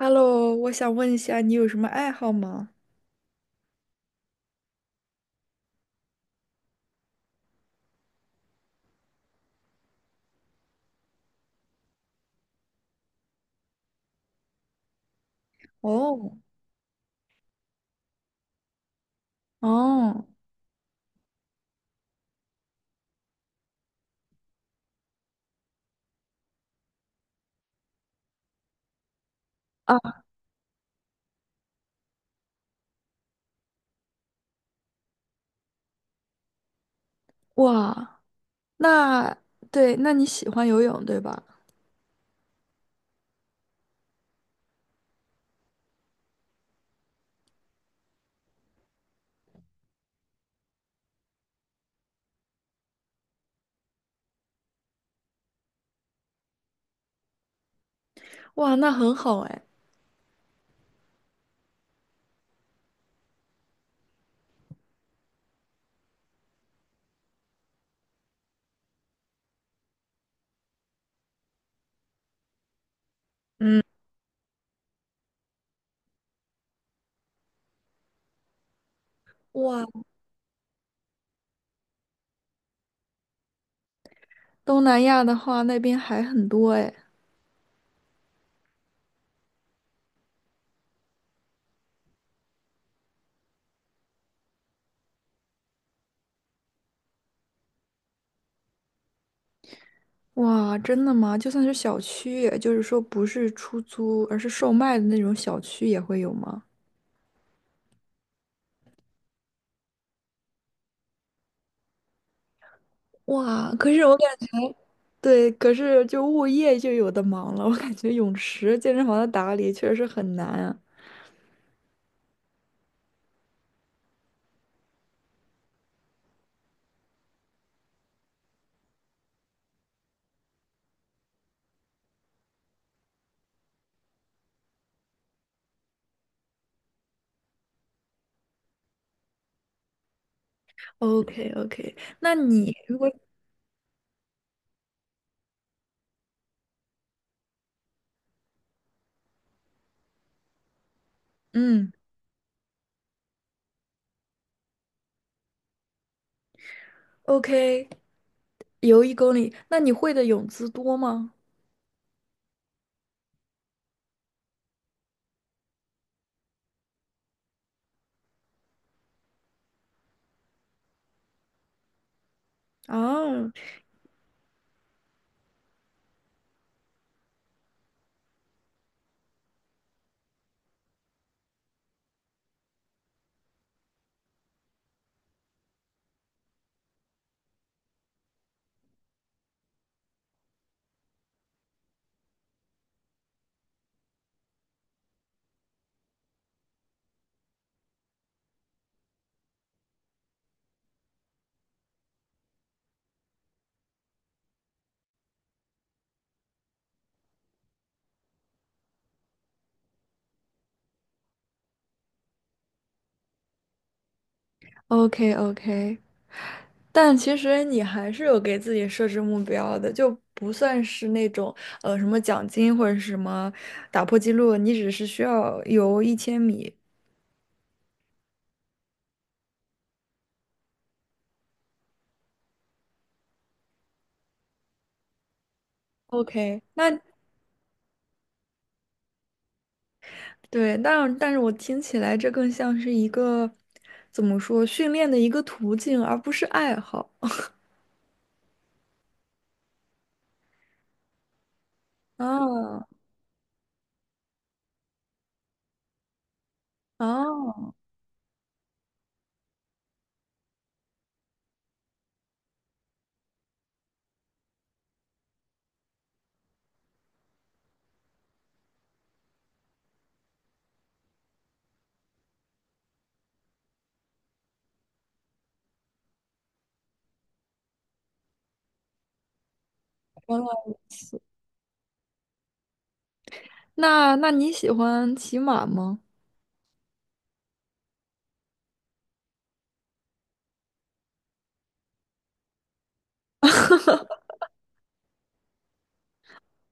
Hello，我想问一下，你有什么爱好吗？哦，哦，啊，哇，那对，那你喜欢游泳对吧？哇，那很好哎。哇，东南亚的话，那边海很多哎。哇，真的吗？就算是小区，也就是说不是出租，而是售卖的那种小区也会有吗？哇，可是我感觉 对，可是就物业就有的忙了。我感觉泳池、健身房的打理确实很难啊。o k o k 那你如果嗯，OK，游1公里，那你会的泳姿多吗？啊，OK OK，但其实你还是有给自己设置目标的，就不算是那种什么奖金或者是什么打破记录，你只是需要游1000米。OK，那对，但是我听起来这更像是一个怎么说训练的一个途径，而不是爱好。啊啊，原来，那你喜欢骑马吗？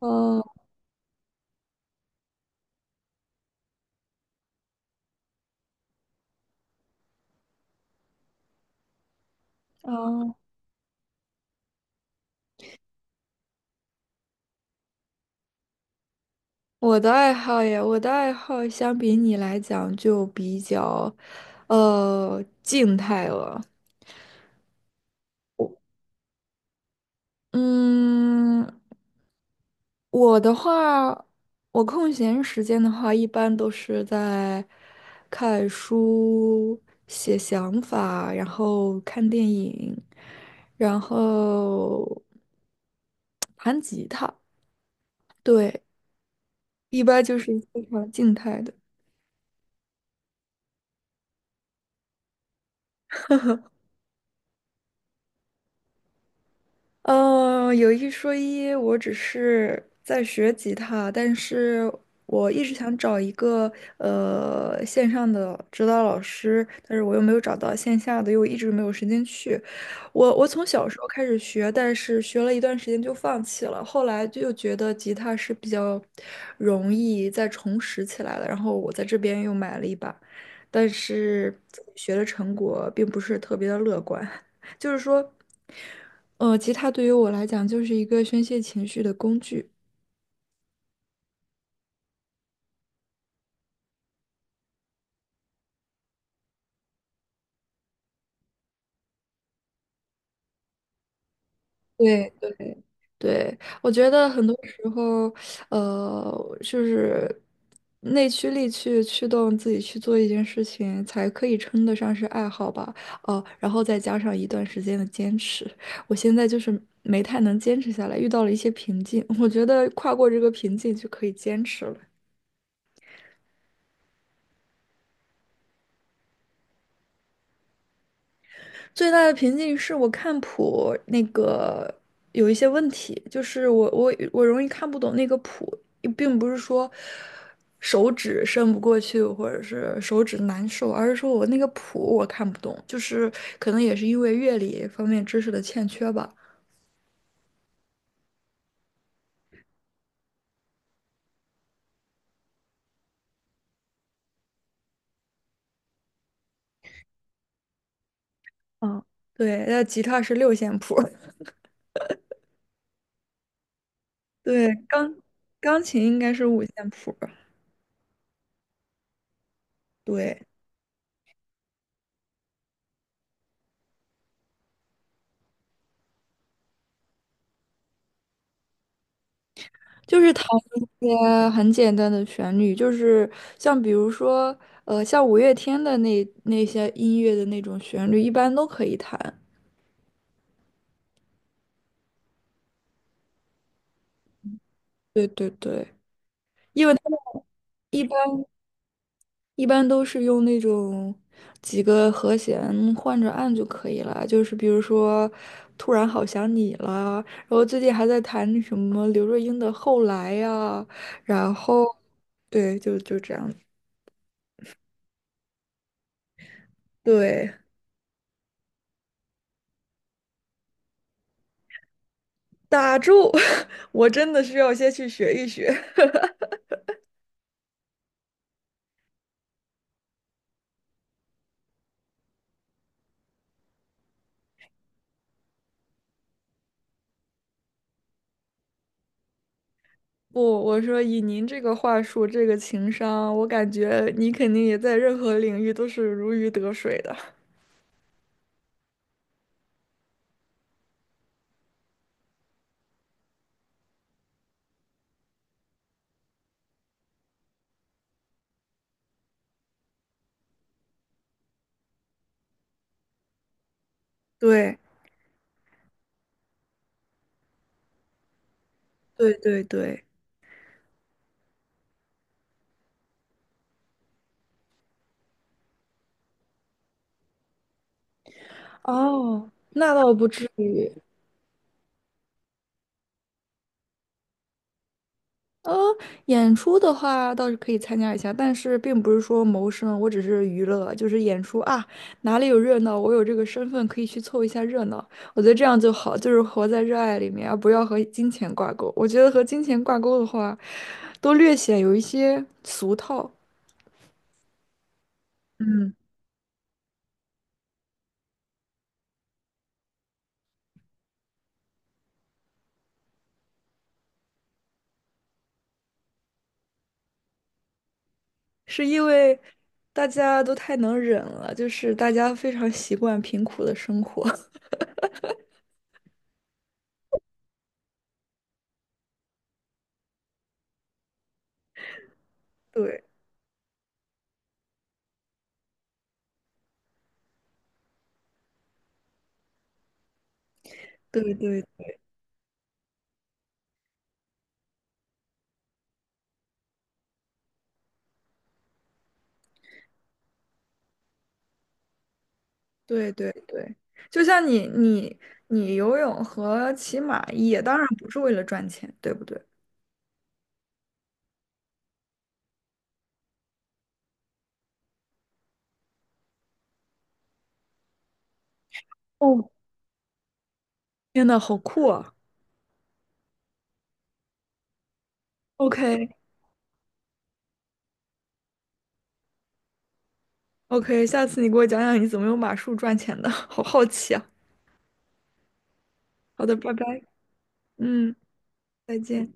哦哦，我的爱好呀，我的爱好相比你来讲就比较，静态了。嗯，我的话，我空闲时间的话，一般都是在看书、写想法，然后看电影，然后 弹吉他。对，一般就是非常静态的。嗯，有一说一，我只是在学吉他，但是我一直想找一个线上的指导老师，但是我又没有找到线下的，又一直没有时间去。我从小时候开始学，但是学了一段时间就放弃了，后来就觉得吉他是比较容易再重拾起来的，然后我在这边又买了一把，但是自己学的成果并不是特别的乐观，就是说。吉他对于我来讲就是一个宣泄情绪的工具。对对对，我觉得很多时候，呃，就是内驱力去驱动自己去做一件事情，才可以称得上是爱好吧。哦，然后再加上一段时间的坚持，我现在就是没太能坚持下来，遇到了一些瓶颈。我觉得跨过这个瓶颈就可以坚持了。最大的瓶颈是我看谱那个有一些问题，就是我容易看不懂那个谱，并不是说手指伸不过去或者是手指难受，而是说我那个谱我看不懂，就是可能也是因为乐理方面知识的欠缺吧。嗯，对，那吉他是六线谱，对，钢琴应该是五线谱，对。就是弹一些很简单的旋律，就是像比如说，像五月天的那些音乐的那种旋律，一般都可以弹。对对对，一般一般都是用那种几个和弦换着按就可以了。就是比如说，突然好想你啦，然后最近还在弹什么刘若英的《后来》呀，然后对，就这样。对，打住！我真的需要先去学一学。不，我说以您这个话术，这个情商，我感觉你肯定也在任何领域都是如鱼得水的。对对对对，哦，那倒不至于。呃，演出的话倒是可以参加一下，但是并不是说谋生，我只是娱乐，就是演出啊，哪里有热闹，我有这个身份可以去凑一下热闹。我觉得这样就好，就是活在热爱里面，而不要和金钱挂钩。我觉得和金钱挂钩的话，都略显有一些俗套。嗯。是因为大家都太能忍了，就是大家非常习惯贫苦的生活。对对对对对对，就像你游泳和骑马也当然不是为了赚钱，对不对？哦，天呐，好酷啊！OK OK，下次你给我讲讲你怎么用马术赚钱的，好好奇啊。好的，拜拜。嗯，再见。